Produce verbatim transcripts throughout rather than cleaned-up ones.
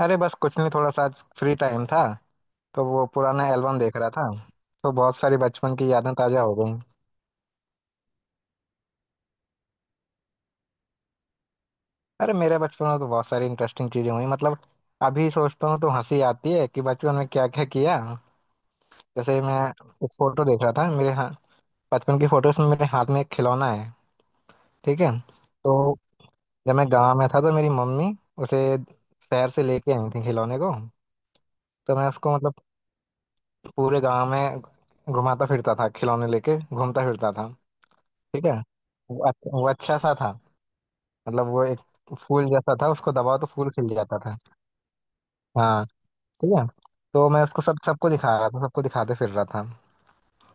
अरे बस कुछ नहीं, थोड़ा सा आज फ्री टाइम था। तो वो पुराना एल्बम देख रहा था। तो बहुत सारी बचपन की यादें ताजा हो गई। अरे मेरे बचपन में तो बहुत सारी इंटरेस्टिंग चीजें हुई मतलब। अभी सोचता हूँ तो हंसी आती है कि बचपन में क्या क्या किया। जैसे मैं एक फोटो देख रहा था मेरे हाथ। बचपन की फोटोज में मेरे हाथ में एक खिलौना है। ठीक है। तो जब मैं गाँव में था तो मेरी मम्मी उसे शहर से लेके आई थी खिलौने को। तो मैं उसको मतलब पूरे गाँव में घुमाता फिरता था, खिलौने लेके घूमता फिरता था। ठीक है। वो, अच्छ, वो अच्छा सा था। मतलब वो एक फूल जैसा था, उसको दबाओ तो फूल खिल जाता था। हाँ। ठीक है। तो मैं उसको सब सबको दिखा रहा था, सबको दिखाते फिर रहा था।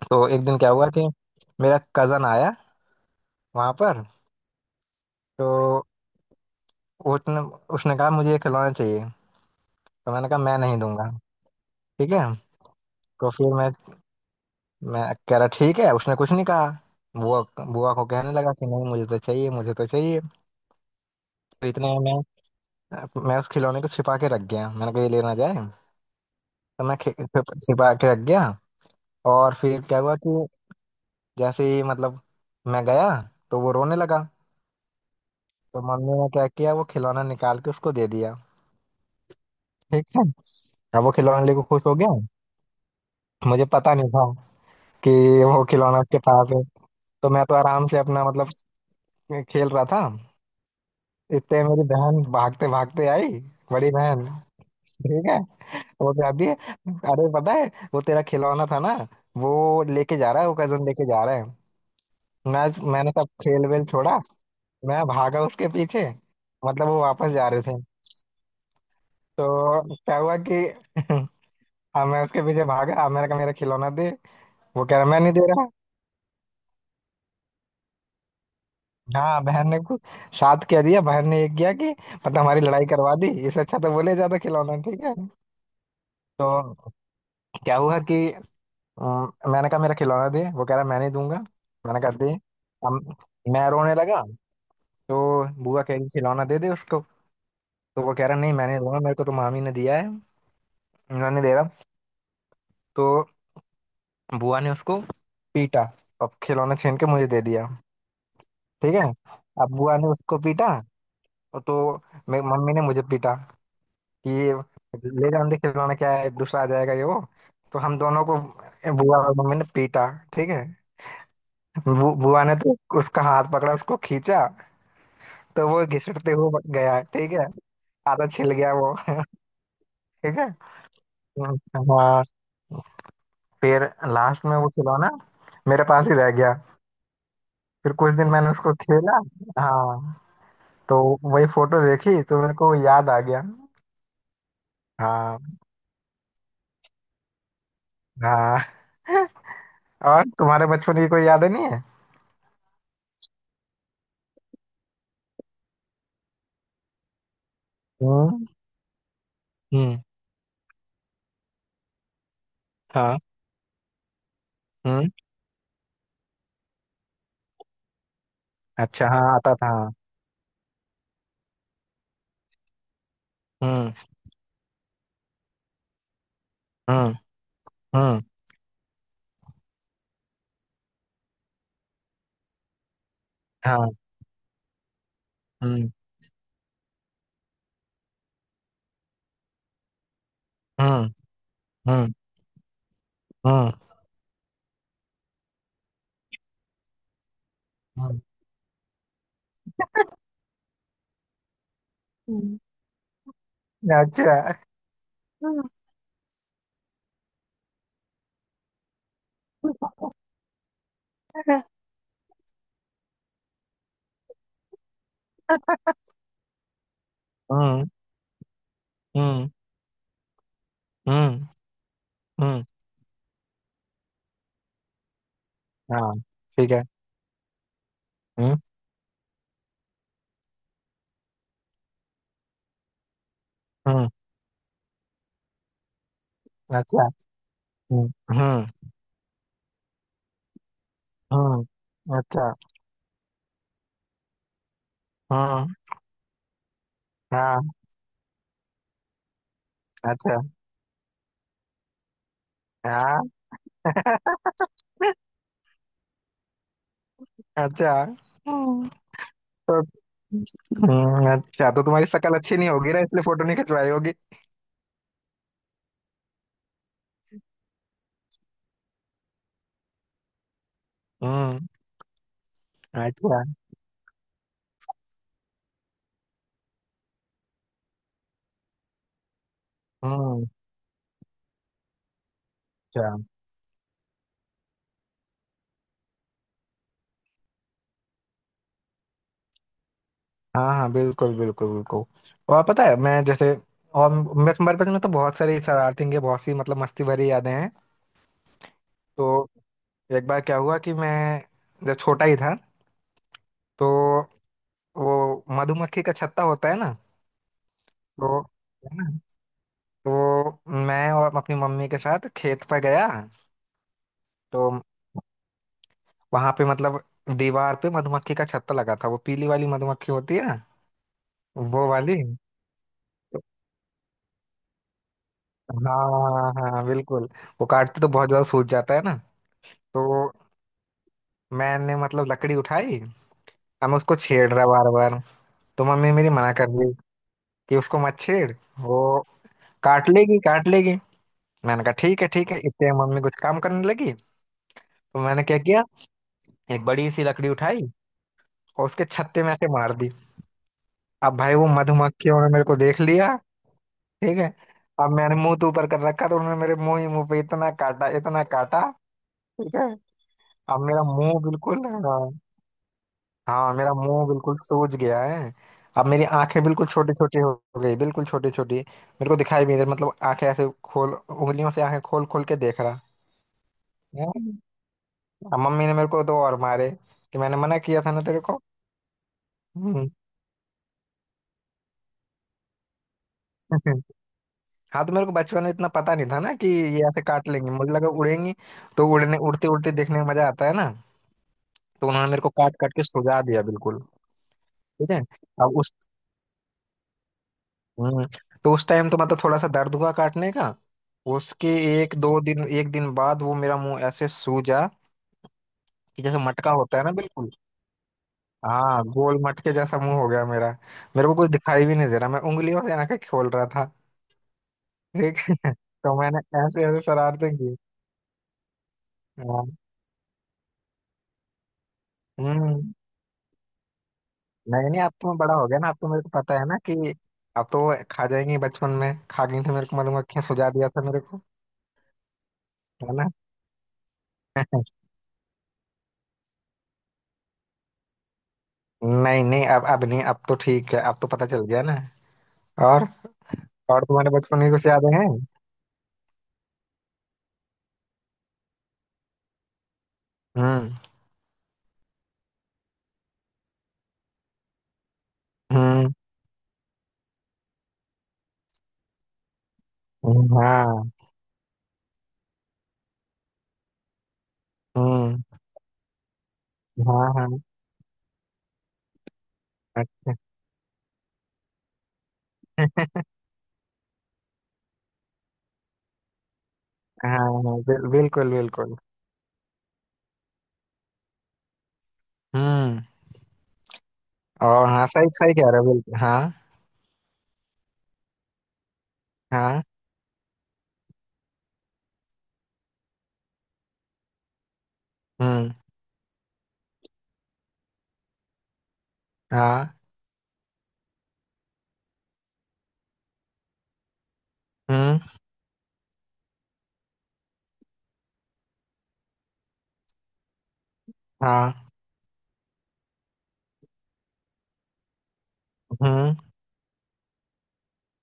तो एक दिन क्या हुआ कि मेरा कजन आया वहां पर। तो उसने उसने कहा मुझे ये खिलौना चाहिए। तो मैंने कहा मैं नहीं दूंगा। ठीक है। तो फिर मैं मैं कह रहा ठीक है, उसने कुछ नहीं कहा। बुआ बुआ को कहने लगा कि नहीं मुझे तो चाहिए, मुझे तो चाहिए। तो इतने में मैं उस खिलौने को छिपा के रख गया, मैंने कहा ये लेना जाए। तो मैं खे- छिप- छिपा के रख गया। और फिर क्या हुआ कि जैसे ही मतलब मैं गया तो वो रोने लगा। तो मम्मी ने क्या किया, वो खिलौना निकाल के उसको दे दिया। ठीक है। अब वो खिलौना लेके खुश हो गया। मुझे पता नहीं था कि वो खिलौना उसके पास है। तो मैं तो आराम से अपना मतलब खेल रहा था। इतने मेरी बहन भागते भागते आई। बड़ी बहन। ठीक है। वो कहती है अरे पता है वो तेरा खिलौना था ना, वो लेके जा रहा है, वो कजन लेके जा रहा है। मैं मैंने सब खेल वेल छोड़ा। मैं भागा उसके पीछे। मतलब वो वापस जा रहे थे। तो क्या हुआ कि हाँ, मैं उसके पीछे भागा। अब मैंने कहा मेरा खिलौना दे, वो कह रहा मैं नहीं दे रहा। हाँ बहन ने कुछ साथ क्या दिया, बहन ने ये किया कि मतलब हमारी लड़ाई करवा दी, इससे अच्छा तो बोले जाता खिलौना। ठीक है। तो क्या हुआ कि अम, मैंने कहा मेरा खिलौना दे, वो कह रहा मैं नहीं दूंगा। मैंने कहा दे। अब मैं रोने लगा। तो बुआ कह रही खिलौना दे दे उसको। तो वो कह रहा नहीं मैं नहीं दूंगा, मेरे को तो मामी ने दिया है। उन्होंने दे रहा। तो बुआ ने उसको पीटा, अब खिलौना छीन के मुझे दे दिया। ठीक है। अब बुआ ने उसको पीटा। और तो मे- मम्मी ने मुझे पीटा। कि ये ले जाने दे खिलौना, क्या है, दूसरा आ जाएगा ये वो। तो हम दोनों को बुआ और मम्मी ने पीटा। ठीक है। बु, बुआ ने तो उसका हाथ पकड़ा, उसको खींचा। तो वो घिसटते हुए गया। ठीक है। आधा छिल गया वो। ठीक है। हम्म, हाँ। फिर लास्ट में वो खिलौना मेरे पास ही रह गया। फिर कुछ दिन मैंने उसको खेला। हाँ। तो वही फोटो देखी तो मेरे को याद आ गया। हाँ हाँ। और तुम्हारे बचपन की कोई यादें नहीं है। हम्म। हम्म। हाँ। हम्म। अच्छा। हाँ आता था हाँ। हम्म। हम्म। हम्म। हाँ। हम्म। हम्म। हम्म। हम्म। हम्म, हम्म, अच्छा। हम्म। हम्म। हम्म। हम्म। हाँ। ठीक है। हम्म। हम्म। अच्छा। हम्म। हम्म। हम्म, अच्छा। हम्म। हाँ। अच्छा। हाँ। अच्छा। हम्म, तो हम्म अच्छा, तो तुम्हारी शक्ल अच्छी नहीं होगी ना, इसलिए फोटो नहीं खिंचवाई होगी। हम्म। अच्छा। हम्म। अच्छा। हाँ हाँ बिल्कुल बिल्कुल बिल्कुल। और पता है मैं जैसे और मैं तुम्हारे पास में तो बहुत सारी शरारतें की, बहुत सी मतलब मस्ती भरी यादें हैं। तो एक बार क्या हुआ कि मैं जब छोटा ही था। तो वो मधुमक्खी का छत्ता होता है ना। तो है ना। तो मैं और अपनी मम्मी के साथ खेत पर गया। तो वहां पे मतलब दीवार पे मधुमक्खी का छत्ता लगा था, वो पीली वाली मधुमक्खी होती है ना। वो वाली। हाँ। हाँ हाँ, बिल्कुल। वो काटते तो बहुत ज्यादा सूज जाता है ना। तो मैंने मतलब लकड़ी उठाई। अब मैं उसको छेड़ रहा बार बार। तो मम्मी मेरी मना कर रही कि उसको मत छेड़। वो काट लेगी काट लेगी। मैंने कहा ठीक है ठीक है, इतने में मम्मी कुछ काम करने लगी। तो मैंने क्या किया, एक बड़ी सी लकड़ी उठाई और उसके छत्ते में ऐसे मार दी। अब भाई वो मधुमक्खियों ने मेरे को देख लिया। ठीक है। अब मैंने मुंह तो ऊपर कर रखा, तो उन्होंने मेरे मुंह ही मुंह पे इतना काटा इतना काटा। ठीक है। अब मेरा मुंह बिल्कुल है ना। हाँ मेरा मुंह बिल्कुल सूज गया है। अब मेरी आंखें बिल्कुल छोटी छोटी हो गई, बिल्कुल छोटी छोटी, मेरे को दिखाई भी नहीं दे- मतलब आंखें ऐसे खोल, उंगलियों से आंखें खोल खोल के देख रहा हैं? अब मम्मी ने मेरे को दो और मारे कि मैंने मना किया था ना तेरे को। हम्म। हाँ तो मेरे को बचपन में इतना पता नहीं था ना कि ये ऐसे काट लेंगे, मुझे लगा उड़ेंगी। तो उड़ने उड़ते उड़ते देखने में मजा आता है ना। तो उन्होंने मेरे को काट काट के सुझा दिया बिल्कुल। ठीक है। अब उस हम्म, तो उस टाइम तो मतलब थोड़ा सा दर्द हुआ काटने का। उसके एक दो दिन, एक दिन बाद वो मेरा मुंह ऐसे सूजा, कि जैसे मटका होता है ना, बिल्कुल। हाँ गोल मटके जैसा मुंह हो गया मेरा। मेरे को कुछ दिखाई भी नहीं दे रहा, मैं उंगलियों से आंखें खोल रहा था। ठीक है? तो मैंने ऐसे ऐसे शरारतें की। हाँ, हम्म। नहीं नहीं, अब तो मैं बड़ा हो गया ना, अब तो मेरे को पता है ना कि अब तो वो खा जाएंगी, बचपन में खा गई थी मेरे को मधुमक्खियां, सुझा दिया था मेरे को, है ना। नहीं नहीं, अब अब नहीं, अब तो ठीक है, अब तो पता चल गया ना। और और तुम्हारे बचपन की कुछ यादें हैं। हम्म। हम्म। हाँ। हम्म। हाँ हाँ। अच्छा। हाँ हाँ बिल, बिल्कुल बिल्कुल। हम्म। और हाँ सही सही कह रहे हो बिल्कुल हाँ। हाँ। हम्म। हाँ। हम्म। हाँ। हम्म।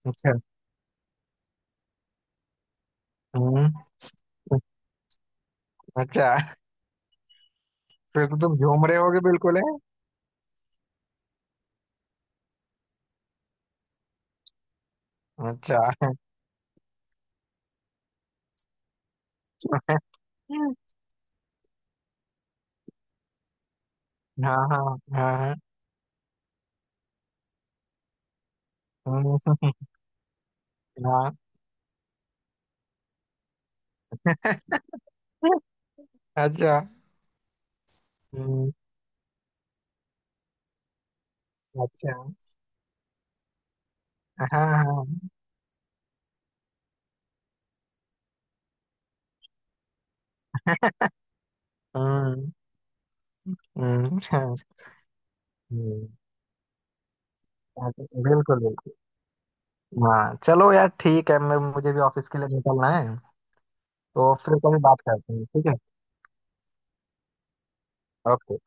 अच्छा। हम्म। अच्छा। फिर तो तुम झूम रहे होगे बिल्कुल है। अच्छा। हाँ हाँ हाँ हाँ, हम्म, हाँ। अच्छा। हम्म, अच्छा। हाँ हाँ। हम्म। हम्म, अच्छा, हम्म, बिल्कुल बिल्कुल। हाँ चलो यार ठीक है, मैं मुझे भी ऑफिस के लिए निकलना है। तो फिर कभी बात करते हैं, ठीक है। ओके।